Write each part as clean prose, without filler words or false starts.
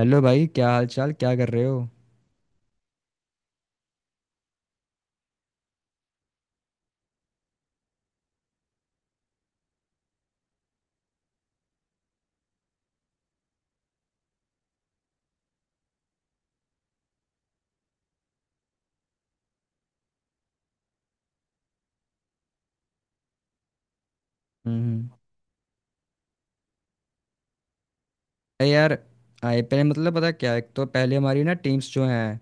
Hello भाई, क्या हाल चाल, क्या कर रहे हो। हम्म। अरे यार। आईपीएल मतलब, पता क्या, एक तो पहले हमारी ना टीम्स जो हैं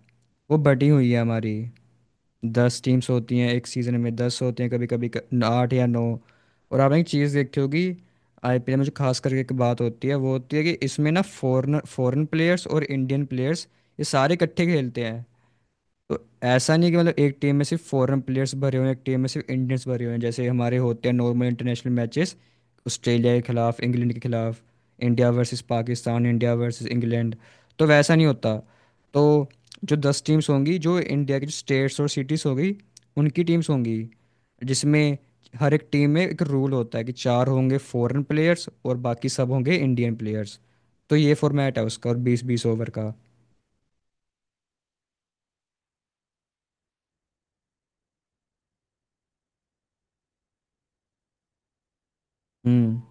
वो बटी हुई है हमारी। 10 टीम्स होती हैं एक सीज़न में, 10 होते हैं कभी कभी आठ या नौ। और आपने एक चीज़ देखी होगी, आईपीएल में जो खास करके एक बात होती है वो होती है कि इसमें ना फॉरन फॉरेन प्लेयर्स और इंडियन प्लेयर्स ये सारे इकट्ठे खेलते हैं। तो ऐसा नहीं कि मतलब एक टीम में सिर्फ फॉरेन प्लेयर्स भरे हुए हैं, एक टीम में सिर्फ इंडियंस भरे हुए हैं, जैसे हमारे होते हैं नॉर्मल इंटरनेशनल मैचेस ऑस्ट्रेलिया के खिलाफ, इंग्लैंड के खिलाफ, India versus Pakistan, India versus England. तो वैसा नहीं होता। तो जो दस टीम्स होंगी, जो इंडिया की जो स्टेट्स और सिटीज़ होगी, उनकी टीम्स होंगी। जिसमें हर एक टीम में एक रूल होता है कि चार होंगे फॉरेन प्लेयर्स और बाकी सब होंगे इंडियन प्लेयर्स। तो ये फॉर्मेट है उसका और बीस बीस ओवर का। हम्म।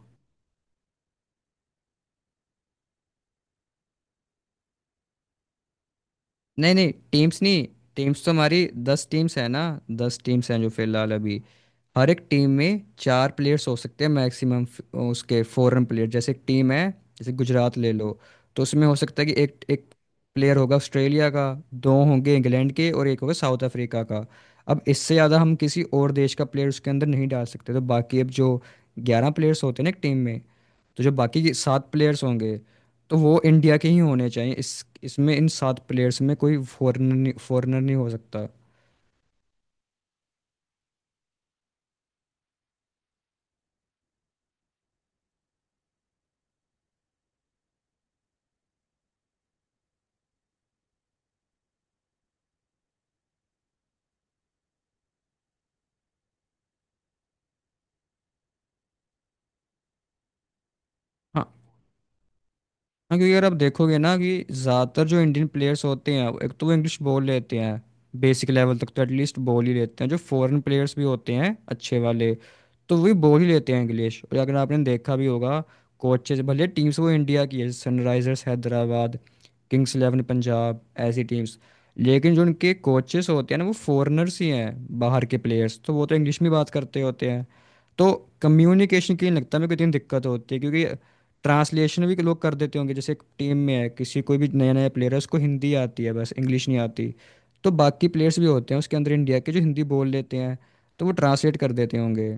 नहीं नहीं, टीम्स नहीं। टीम्स तो हमारी 10 टीम्स है ना। 10 टीम्स हैं जो फिलहाल अभी। हर एक टीम में चार प्लेयर्स हो सकते हैं मैक्सिमम, उसके फॉरेन प्लेयर। जैसे एक टीम है, जैसे गुजरात ले लो, तो उसमें हो सकता है कि एक एक प्लेयर होगा ऑस्ट्रेलिया का, दो होंगे इंग्लैंड के, और एक होगा साउथ अफ्रीका का। अब इससे ज़्यादा हम किसी और देश का प्लेयर उसके अंदर नहीं डाल सकते। तो बाकी अब जो 11 प्लेयर्स होते हैं ना एक टीम में, तो जो बाकी के सात प्लेयर्स होंगे तो वो इंडिया के ही होने चाहिए। इस इसमें इन सात प्लेयर्स में कोई फॉरेनर नहीं हो सकता। हाँ, क्योंकि अगर आप देखोगे ना कि ज़्यादातर जो इंडियन प्लेयर्स होते हैं एक तो वो इंग्लिश बोल लेते हैं, बेसिक लेवल तक तो एटलीस्ट बोल ही लेते हैं। जो फॉरेन प्लेयर्स भी होते हैं अच्छे वाले तो वो भी बोल ही लेते हैं इंग्लिश। और अगर आपने देखा भी होगा, कोचेज भले टीम्स वो इंडिया की है, Sunrisers Hyderabad, Kings Eleven Punjab, ऐसी टीम्स, लेकिन जो उनके कोचेस होते हैं ना वो फॉरेनर्स ही हैं, बाहर के प्लेयर्स, तो वो तो इंग्लिश में बात करते होते हैं। तो कम्युनिकेशन के लिए लगता है मेरे को इतनी दिक्कत होती, है क्योंकि ट्रांसलेशन भी लोग कर देते होंगे। जैसे एक टीम में है किसी, कोई भी नया नया प्लेयर है, उसको हिंदी आती है बस, इंग्लिश नहीं आती, तो बाकी प्लेयर्स भी होते हैं उसके अंदर इंडिया के जो हिंदी बोल लेते हैं, तो वो ट्रांसलेट कर देते होंगे।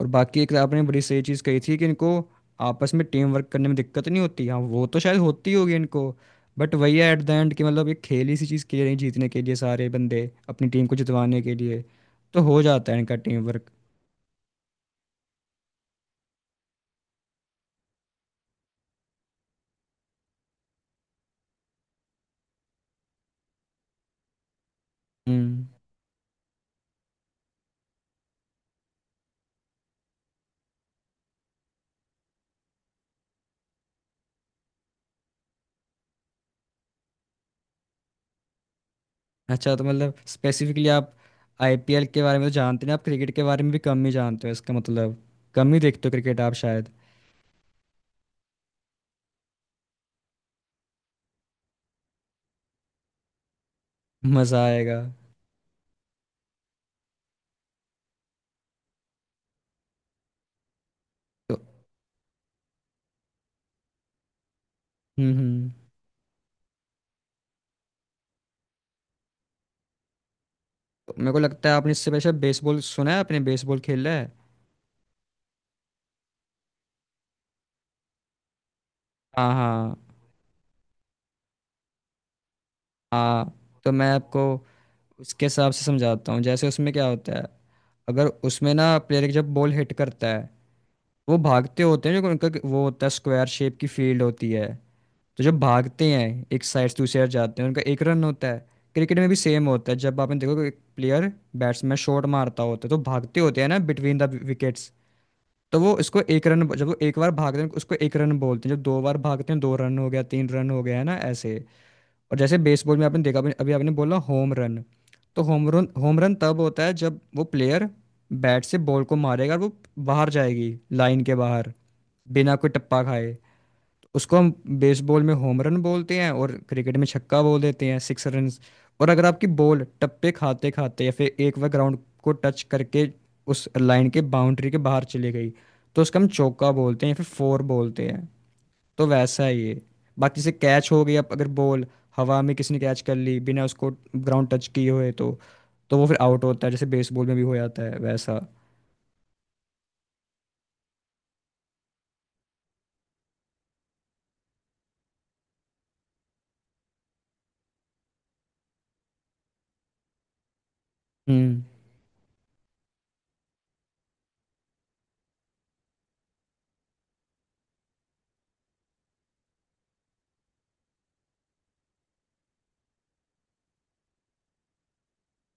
और बाकी एक आपने बड़ी सही चीज़ कही थी कि इनको आपस में टीम वर्क करने में दिक्कत नहीं होती। हाँ, वो तो शायद होती होगी इनको, बट वही है एट द एंड कि मतलब एक खेल ही सी चीज़ खेल रहे हैं, जीतने के लिए सारे बंदे अपनी टीम को जितवाने के लिए, तो हो जाता है इनका टीम वर्क। हम्म। अच्छा तो मतलब स्पेसिफिकली आप आईपीएल के बारे में तो जानते नहीं, आप क्रिकेट के बारे में भी कम ही जानते हो इसका मतलब, कम ही देखते हो क्रिकेट आप शायद। मज़ा आएगा तो। हम्म। हम्म। तो मेरे को लगता है आपने इससे पहले शायद बेसबॉल सुना है, आपने बेसबॉल खेला है। हाँ हाँ हाँ। तो मैं आपको उसके हिसाब से समझाता हूँ जैसे उसमें क्या होता है। अगर उसमें ना प्लेयर जब बॉल हिट करता है, वो भागते होते हैं, जो उनका वो होता है स्क्वायर शेप की फील्ड होती है। तो जब भागते हैं एक साइड से दूसरी साइड जाते हैं, उनका एक रन होता है। क्रिकेट में भी सेम होता है। जब आपने देखो कि एक प्लेयर, बैट्समैन शॉट मारता होता है तो भागते होते हैं ना बिटवीन द विकेट्स, तो वो उसको एक रन, जब वो एक बार भागते हैं उसको एक रन बोलते हैं, जब दो बार भागते हैं दो रन हो गया, तीन रन हो गया, है ना, ऐसे। और जैसे बेसबॉल में आपने देखा, अभी अभी आपने बोला होम रन। तो होम रन तब होता है जब वो प्लेयर बैट से बॉल को मारेगा और वो बाहर जाएगी लाइन के बाहर, बिना कोई टप्पा खाए, तो उसको हम बेसबॉल में होम रन बोलते हैं और क्रिकेट में छक्का बोल देते हैं, सिक्स रन। और अगर आपकी बॉल टप्पे खाते खाते या फिर एक बार ग्राउंड को टच करके उस लाइन के, बाउंड्री के बाहर चली गई, तो उसका हम चौका बोलते हैं या फिर फोर बोलते हैं। तो वैसा ही है ये। बाकी जैसे कैच हो गई, अब अगर बॉल हवा में किसी ने कैच कर ली बिना उसको ग्राउंड टच किए हुए, तो वो फिर आउट होता है जैसे बेसबॉल में भी हो जाता है वैसा। हम्म।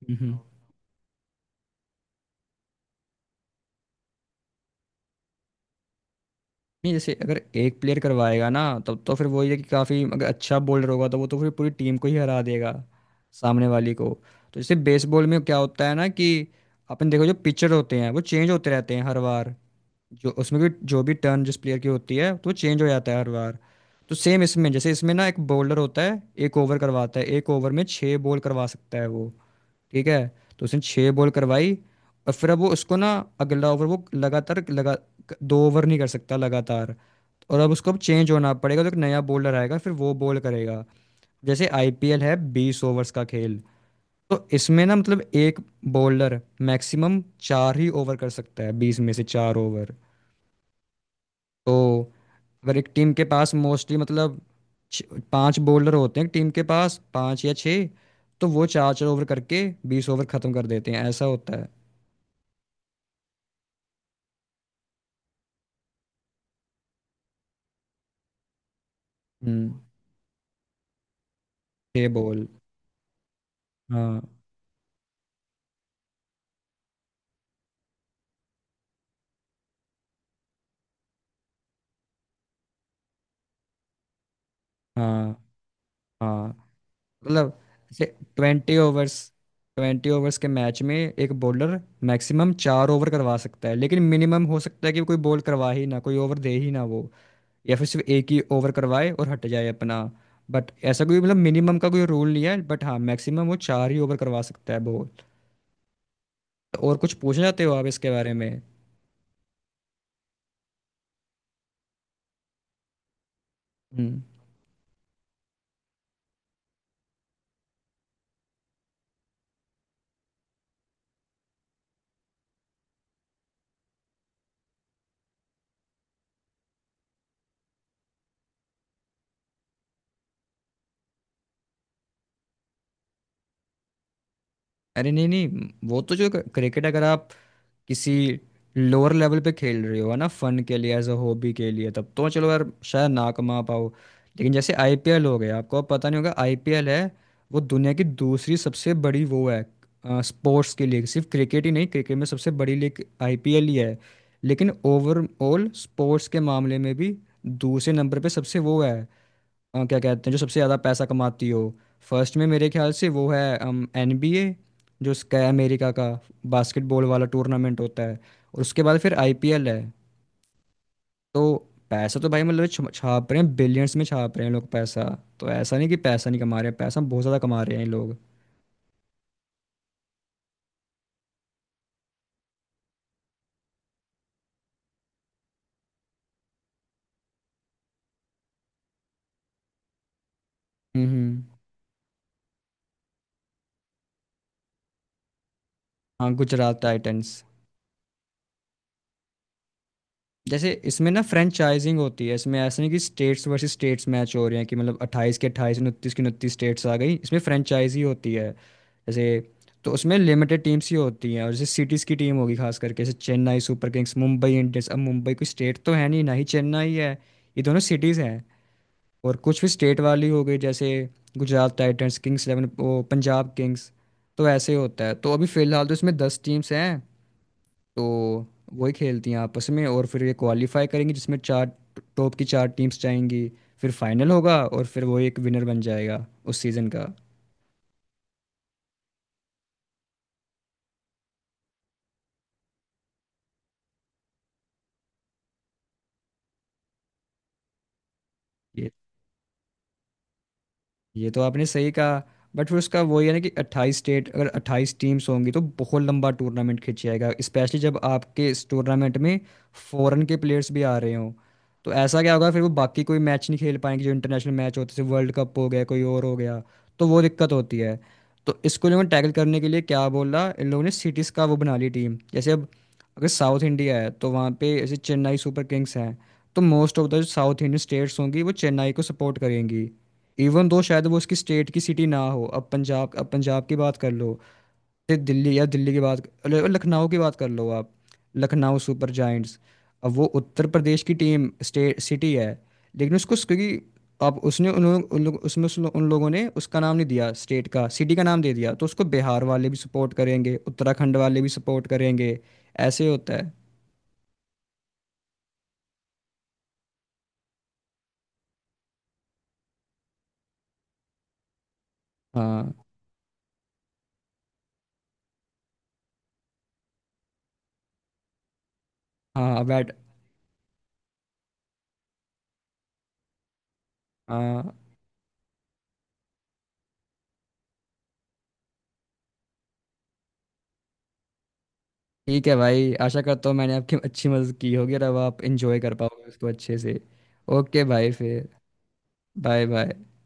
हम्म। नहीं, जैसे अगर एक प्लेयर करवाएगा ना, तब तो फिर वो ये कि काफ़ी अगर अच्छा बॉलर होगा तो वो तो फिर पूरी टीम को ही हरा देगा सामने वाली को। तो जैसे बेसबॉल में क्या होता है ना कि अपन देखो जो पिचर होते हैं वो चेंज होते रहते हैं हर बार, जो उसमें भी जो भी टर्न जिस प्लेयर की होती है तो वो चेंज हो जाता है हर बार। तो सेम इसमें, जैसे इसमें ना एक बॉलर होता है, एक ओवर करवाता है, एक ओवर में छः बॉल करवा सकता है वो। ठीक है। तो उसने छः बॉल करवाई, और फिर अब वो उसको ना अगला ओवर वो लगातार लगा, दो ओवर नहीं कर सकता लगातार, और अब उसको अब चेंज होना पड़ेगा, तो एक नया बॉलर आएगा फिर वो बॉल करेगा। जैसे आईपीएल है 20 ओवर्स का खेल, तो इसमें ना मतलब एक बॉलर मैक्सिमम चार ही ओवर कर सकता है, 20 में से 4 ओवर। तो अगर एक टीम के पास मोस्टली मतलब पांच बॉलर होते हैं टीम के पास पांच या छः, तो वो चार चार ओवर करके 20 ओवर खत्म कर देते हैं, ऐसा होता है। हम्म। छः बॉल। हाँ हाँ हाँ। मतलब ट्वेंटी ओवर्स 20 ओवर्स के मैच में एक बॉलर मैक्सिमम चार ओवर करवा सकता है, लेकिन मिनिमम हो सकता है कि कोई बॉल करवा ही ना, कोई ओवर दे ही ना वो, या फिर सिर्फ एक ही ओवर करवाए और हट जाए अपना। बट ऐसा कोई, मतलब मिनिमम का कोई रूल नहीं है, बट हाँ मैक्सिमम वो चार ही ओवर करवा सकता है बॉल। और कुछ पूछना चाहते हो आप इसके बारे में? हम्म। अरे नहीं नहीं, वो तो जो क्रिकेट, अगर आप किसी लोअर लेवल पे खेल रहे हो, है ना, फन के लिए, एज अ हॉबी के लिए, तब तो चलो यार, शायद ना कमा पाओ। लेकिन जैसे आईपीएल हो गया, आपको अब पता नहीं होगा आईपीएल है, वो दुनिया की दूसरी सबसे बड़ी वो है स्पोर्ट्स की लीग। सिर्फ क्रिकेट ही नहीं, क्रिकेट में सबसे बड़ी लीग आईपीएल ही है, लेकिन ओवरऑल स्पोर्ट्स के मामले में भी दूसरे नंबर पे सबसे वो है, क्या कहते हैं, जो सबसे ज़्यादा पैसा कमाती हो। फर्स्ट में मेरे ख्याल से वो है एन बी ए, जो उसका है, अमेरिका का बास्केटबॉल वाला टूर्नामेंट होता है, और उसके बाद फिर आई पी एल है। तो पैसा तो भाई मतलब छाप रहे हैं, बिलियंस में छाप रहे हैं लोग पैसा। तो ऐसा नहीं कि पैसा नहीं कमा रहे हैं, पैसा बहुत ज़्यादा कमा रहे हैं ये लोग। हम्म। हम्म। हाँ, गुजरात टाइटंस। जैसे इसमें ना फ्रेंचाइजिंग होती है, इसमें ऐसा नहीं कि स्टेट्स वर्सेस स्टेट्स मैच हो रहे हैं, कि मतलब अट्ठाईस के अट्ठाईस, उनतीस की उनतीस स्टेट्स आ गई, इसमें फ्रेंचाइजी होती है। जैसे, तो उसमें लिमिटेड टीम्स ही होती हैं। और जैसे सिटीज़ की टीम होगी खास करके, जैसे Chennai Super Kings, Mumbai Indians, अब मुंबई कोई स्टेट तो है नहीं, ना ही चेन्नई है, ये दोनों सिटीज़ हैं। और कुछ भी स्टेट वाली हो गई जैसे गुजरात टाइटंस, किंग्स इलेवन, वो पंजाब किंग्स, तो ऐसे होता है। तो अभी फिलहाल तो इसमें 10 टीम्स हैं, तो वही खेलती हैं आपस में। और फिर ये क्वालिफाई करेंगी जिसमें चार, टॉप की चार टीम्स जाएंगी, फिर फाइनल होगा, और फिर वो एक विनर बन जाएगा उस सीज़न का। ये तो आपने सही कहा, बट फिर उसका वही है ना, कि 28 स्टेट अगर 28 टीम्स होंगी तो बहुत लंबा टूर्नामेंट खिंच जाएगा, स्पेशली जब आपके इस टूर्नामेंट में फॉरेन के प्लेयर्स भी आ रहे हों। तो ऐसा क्या होगा फिर, वो बाकी कोई मैच नहीं खेल पाएंगे, जो इंटरनेशनल मैच होते थे, वर्ल्ड कप हो गया, कोई और हो गया, तो वो दिक्कत होती है। तो इसको इन्होंने टैकल करने के लिए क्या बोला इन लोगों ने, सिटीज़ का वो बना ली टीम। जैसे, अब अगर साउथ इंडिया है तो वहाँ पे जैसे चेन्नई सुपर किंग्स हैं, तो most of the South Indian states होंगी वो चेन्नई को सपोर्ट करेंगी, इवन दो शायद वो उसकी स्टेट की सिटी ना हो। अब पंजाब, अब पंजाब की बात कर लो, फिर दिल्ली, या दिल्ली की बात, अरे, लखनऊ की बात कर लो आप, लखनऊ सुपर जायंट्स। अब वो उत्तर प्रदेश की टीम स्टेट सिटी है, लेकिन उसको, क्योंकि अब उसने उन लोग उसमें उस लो- उन लोगों ने उसका नाम नहीं दिया, स्टेट का, सिटी का नाम दे दिया, तो उसको बिहार वाले भी सपोर्ट करेंगे, उत्तराखंड वाले भी सपोर्ट करेंगे। ऐसे होता है। हाँ हाँ। बैट हाँ। ठीक है भाई, आशा करता हूँ मैंने आपकी अच्छी मदद की होगी और अब आप इंजॉय कर पाओगे उसको अच्छे से। ओके भाई फिर, बाय बाय।